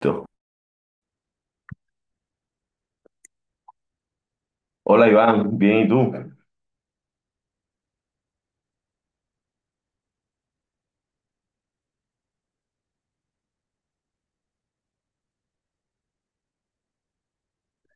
Tú. Hola Iván, bien, ¿y tú?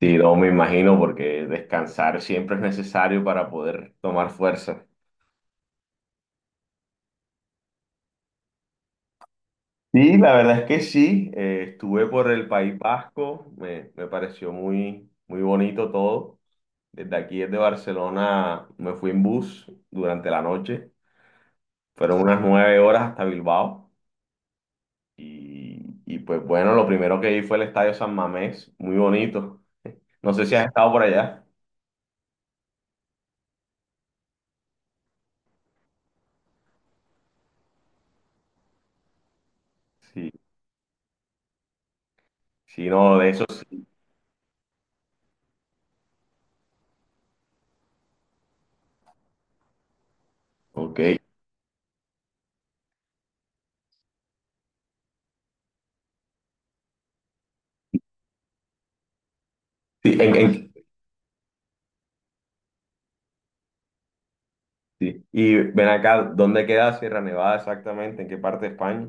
Sí, no me imagino porque descansar siempre es necesario para poder tomar fuerza. Sí, la verdad es que sí, estuve por el País Vasco, me pareció muy, muy bonito todo. Desde aquí, desde Barcelona, me fui en bus durante la noche, fueron unas 9 horas hasta Bilbao y, pues bueno, lo primero que vi fue el Estadio San Mamés, muy bonito. No sé si has estado por allá. Sí, sí, no, de esos, sí. Ok. Sí, sí. Y ven acá, ¿dónde queda Sierra Nevada exactamente? ¿En qué parte de España?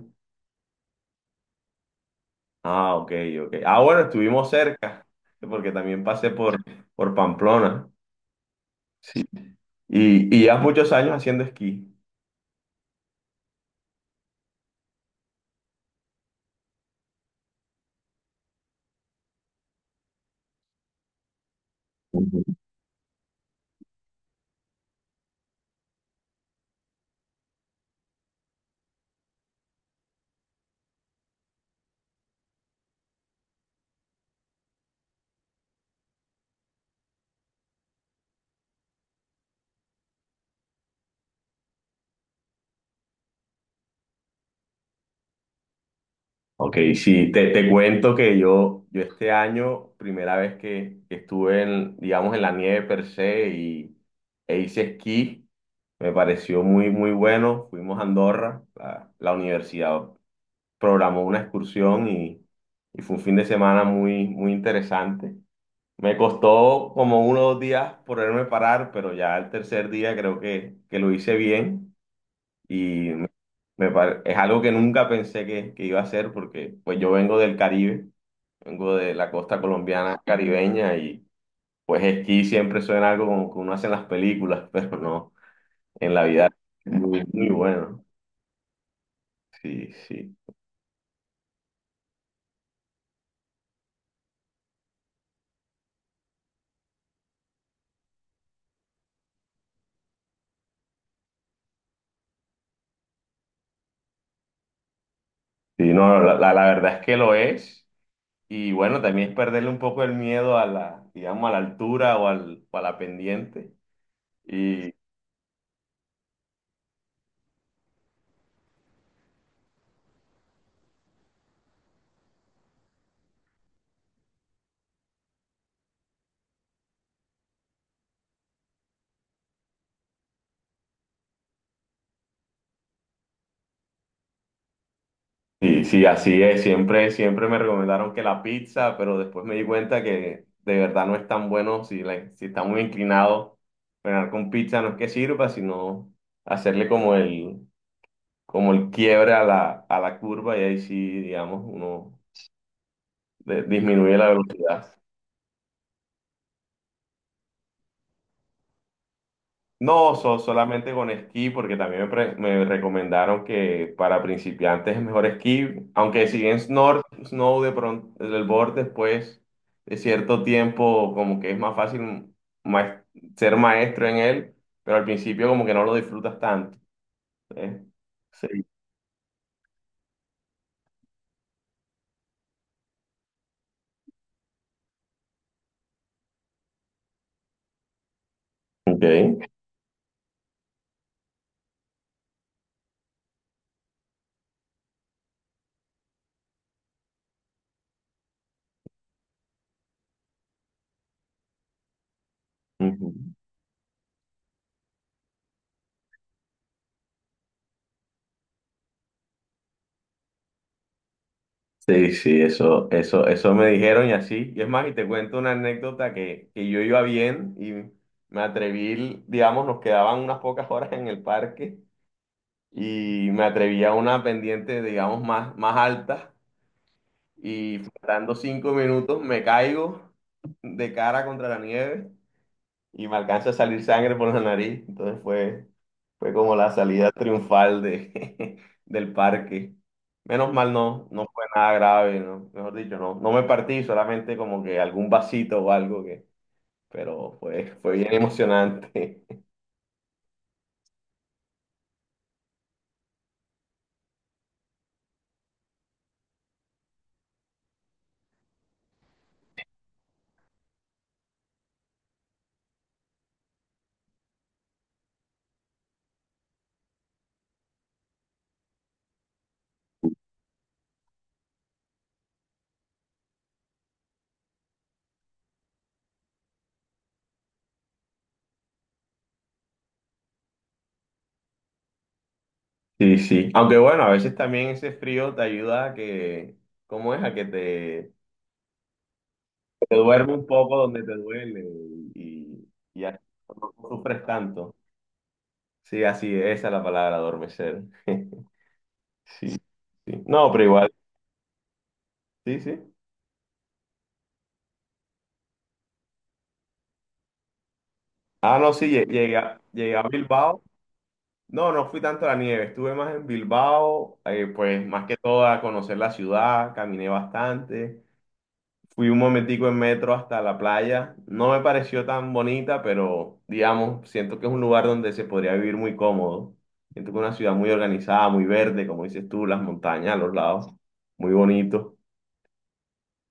Ah, ok, ok. Ah, bueno, estuvimos cerca, porque también pasé por Pamplona. Sí. Y, llevas muchos años haciendo esquí. Ujú. Ok, sí, te cuento que yo este año, primera vez que estuve en, digamos, en la nieve per se e hice esquí, me pareció muy, muy bueno. Fuimos a Andorra, la universidad programó una excursión y fue un fin de semana muy, muy interesante. Me costó como 1 o 2 días poderme parar, pero ya el tercer día creo que lo hice bien y es algo que nunca pensé que iba a hacer porque pues yo vengo del Caribe, vengo de la costa colombiana caribeña y pues esquí siempre suena algo como que uno hace en las películas, pero no, en la vida es muy, muy bueno. Sí, sí. Sí, no, la verdad es que lo es. Y bueno, también es perderle un poco el miedo a la, digamos, a la altura o a la pendiente. Y, y sí, así es. Siempre, siempre me recomendaron que la pizza, pero después me di cuenta que de verdad no es tan bueno si, si está muy inclinado. Frenar con pizza no es que sirva, sino hacerle como como el quiebre a la curva y ahí sí, digamos, disminuye la velocidad. No, solamente con esquí, porque también me recomendaron que para principiantes es mejor esquí, aunque si bien snow de pronto, el board después de cierto tiempo como que es más fácil maes- ser maestro en él, pero al principio como que no lo disfrutas tanto. ¿Eh? Sí. Ok. Sí, sí, eso me dijeron y así. Y es más, y te cuento una anécdota que yo iba bien y me atreví, digamos, nos quedaban unas pocas horas en el parque y me atreví a una pendiente, digamos, más alta y faltando 5 minutos me caigo de cara contra la nieve y me alcanza a salir sangre por la nariz. Entonces fue, fue como la salida triunfal de, del parque. Menos mal no fue nada grave, ¿no? Mejor dicho, no me partí, solamente como que algún vasito o algo que, pero fue, fue bien emocionante. Sí, sí. Aunque bueno, a veces también ese frío te ayuda a que, ¿cómo es? Te duerme un poco donde te duele y, y así no sufres tanto. Sí, así es, esa es la palabra, adormecer. Sí, sí. No, pero igual, sí, sí. Ah, no, sí, llegué a Bilbao. No, no fui tanto a la nieve, estuve más en Bilbao, pues más que todo a conocer la ciudad, caminé bastante. Fui un momentico en metro hasta la playa. No me pareció tan bonita, pero digamos, siento que es un lugar donde se podría vivir muy cómodo. Siento que es una ciudad muy organizada, muy verde, como dices tú, las montañas a los lados, muy bonito.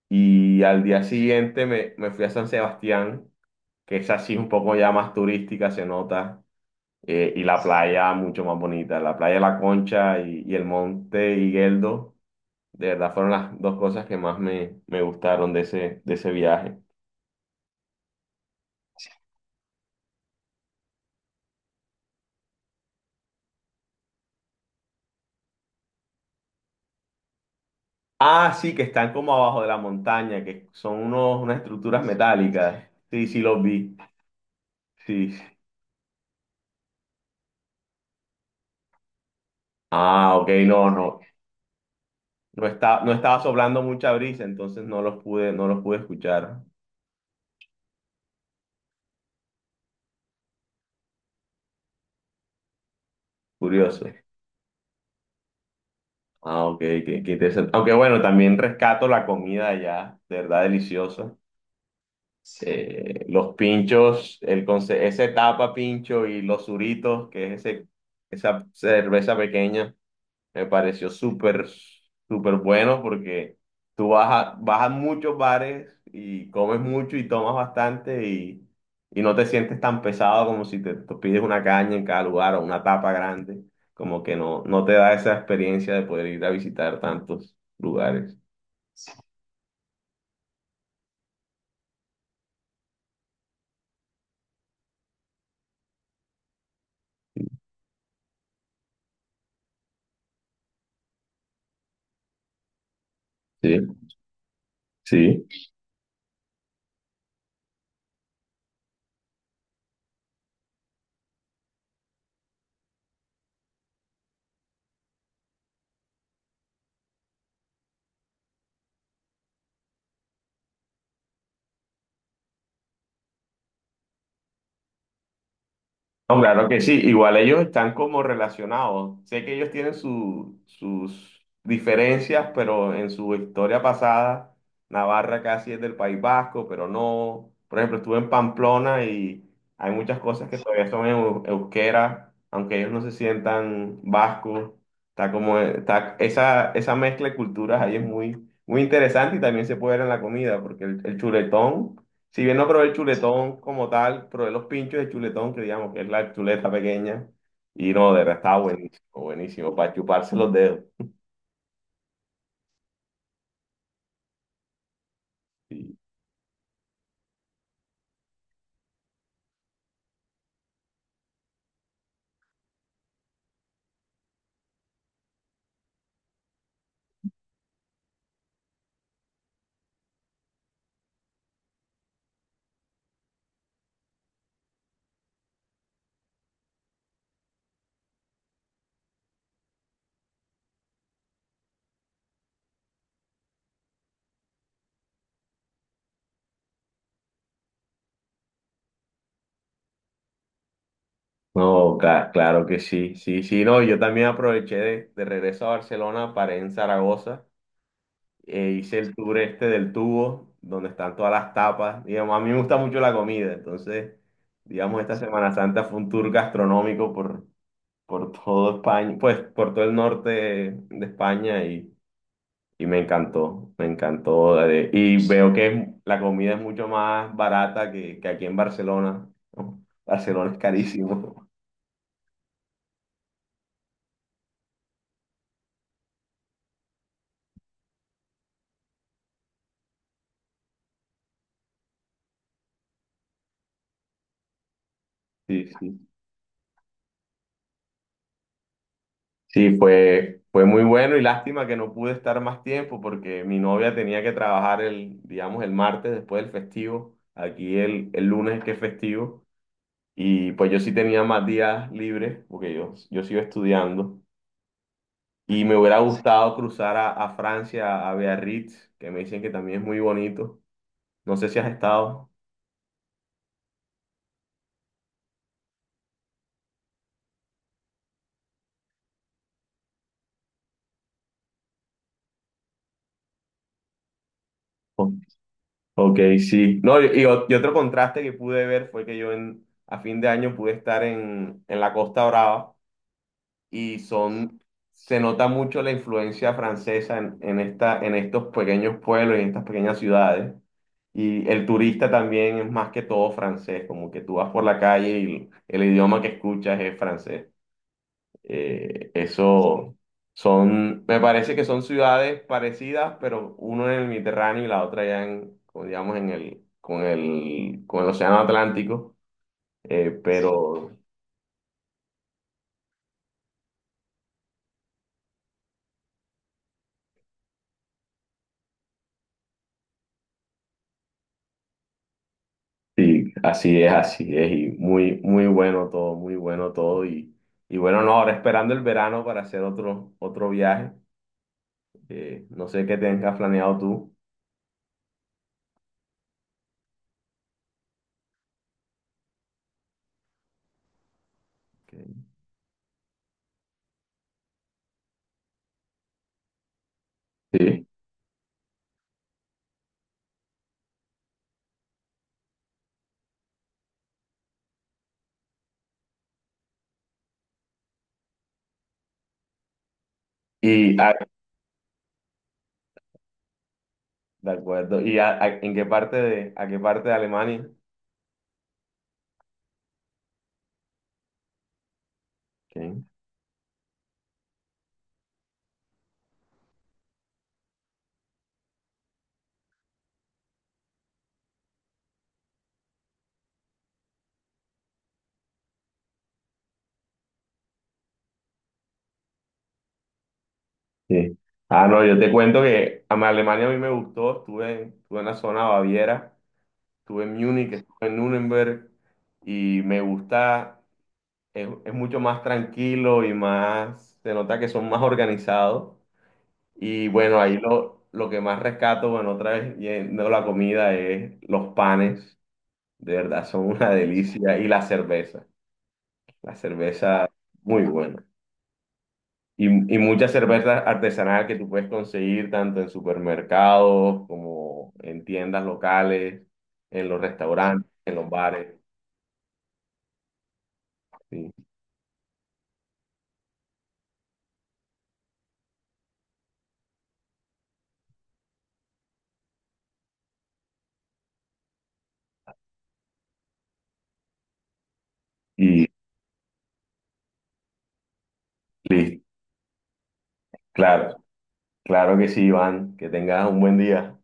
Y al día siguiente me fui a San Sebastián, que es así un poco ya más turística, se nota, y la playa mucho más bonita. La playa de La Concha y el monte Higueldo, de verdad fueron las dos cosas que más me gustaron de ese viaje. Ah, sí, que están como abajo de la montaña, que son unas estructuras metálicas. Sí, sí, los vi. Sí. Ah, ok, no, no. No está, no estaba soplando mucha brisa, entonces no los pude, no los pude escuchar. Curioso. Ah, ok, qué, qué interesante. Aunque bueno, también rescato la comida allá, de verdad deliciosa. Los pinchos, ese tapa pincho y los suritos, que es ese, esa cerveza pequeña, me pareció súper, súper bueno porque tú vas a muchos bares y comes mucho y tomas bastante y no te sientes tan pesado como si te pides una caña en cada lugar o una tapa grande. Como que no, no te da esa experiencia de poder ir a visitar tantos lugares. Sí, sí. No, claro que sí, igual ellos están como relacionados. Sé que ellos tienen sus diferencias, pero en su historia pasada, Navarra casi es del País Vasco, pero no. Por ejemplo, estuve en Pamplona y hay muchas cosas que todavía son euskera, aunque ellos no se sientan vascos. Está como, está, esa mezcla de culturas ahí es muy, muy interesante y también se puede ver en la comida, porque el chuletón. Si bien no probé el chuletón como tal, probé los pinchos de chuletón, que digamos que es la chuleta pequeña, y no, de verdad estaba buenísimo, buenísimo, para chuparse los dedos. Sí. No, claro que sí, sí, sí, no, yo también aproveché de regreso a Barcelona, paré en Zaragoza, e hice el tour este del tubo, donde están todas las tapas, digamos, a mí me gusta mucho la comida, entonces, digamos, esta Semana Santa fue un tour gastronómico por todo España, pues por todo el norte de España. Y me encantó, me encantó. Y veo la comida es mucho más barata que aquí en Barcelona. ¿No? Barcelona es carísimo. Sí, sí. Sí, fue, fue muy bueno y lástima que no pude estar más tiempo porque mi novia tenía que trabajar digamos, el martes después del festivo. Aquí el lunes es que es festivo. Y pues yo sí tenía más días libres porque yo sigo estudiando. Y me hubiera gustado cruzar a Francia, a Biarritz, que me dicen que también es muy bonito. No sé si has estado. O- Ok, sí. No, y, y otro contraste que pude ver fue que yo en, a fin de año pude estar en la Costa Brava y son, se nota mucho la influencia francesa en esta, en estos pequeños pueblos y en estas pequeñas ciudades. Y el turista también es más que todo francés, como que tú vas por la calle y el idioma que escuchas es francés. Eso son, me parece que son ciudades parecidas, pero uno en el Mediterráneo y la otra ya en, como digamos, en el, con el, con el Océano Atlántico. Pero sí, así es, y muy, muy bueno todo, muy bueno todo. Y bueno, no, ahora esperando el verano para hacer otro, otro viaje. No sé qué tengas planeado tú. que- Sí. Y, ah, de acuerdo, ¿y en qué parte de, a qué parte de Alemania? Ok. Sí. Ah, no, yo te cuento que a mí Alemania a mí me gustó, estuve en, estuve en la zona Baviera, estuve en Múnich, estuve en Nuremberg y me gusta, es mucho más tranquilo y más, se nota que son más organizados y bueno, ahí lo que más rescato, bueno, otra vez yendo a la comida es los panes, de verdad son una delicia y la cerveza muy buena. Y, y muchas cervezas artesanales que tú puedes conseguir tanto en supermercados como en tiendas locales, en los restaurantes, en los bares. Sí. Y listo. Claro, claro que sí, Iván. Que tengas un buen día.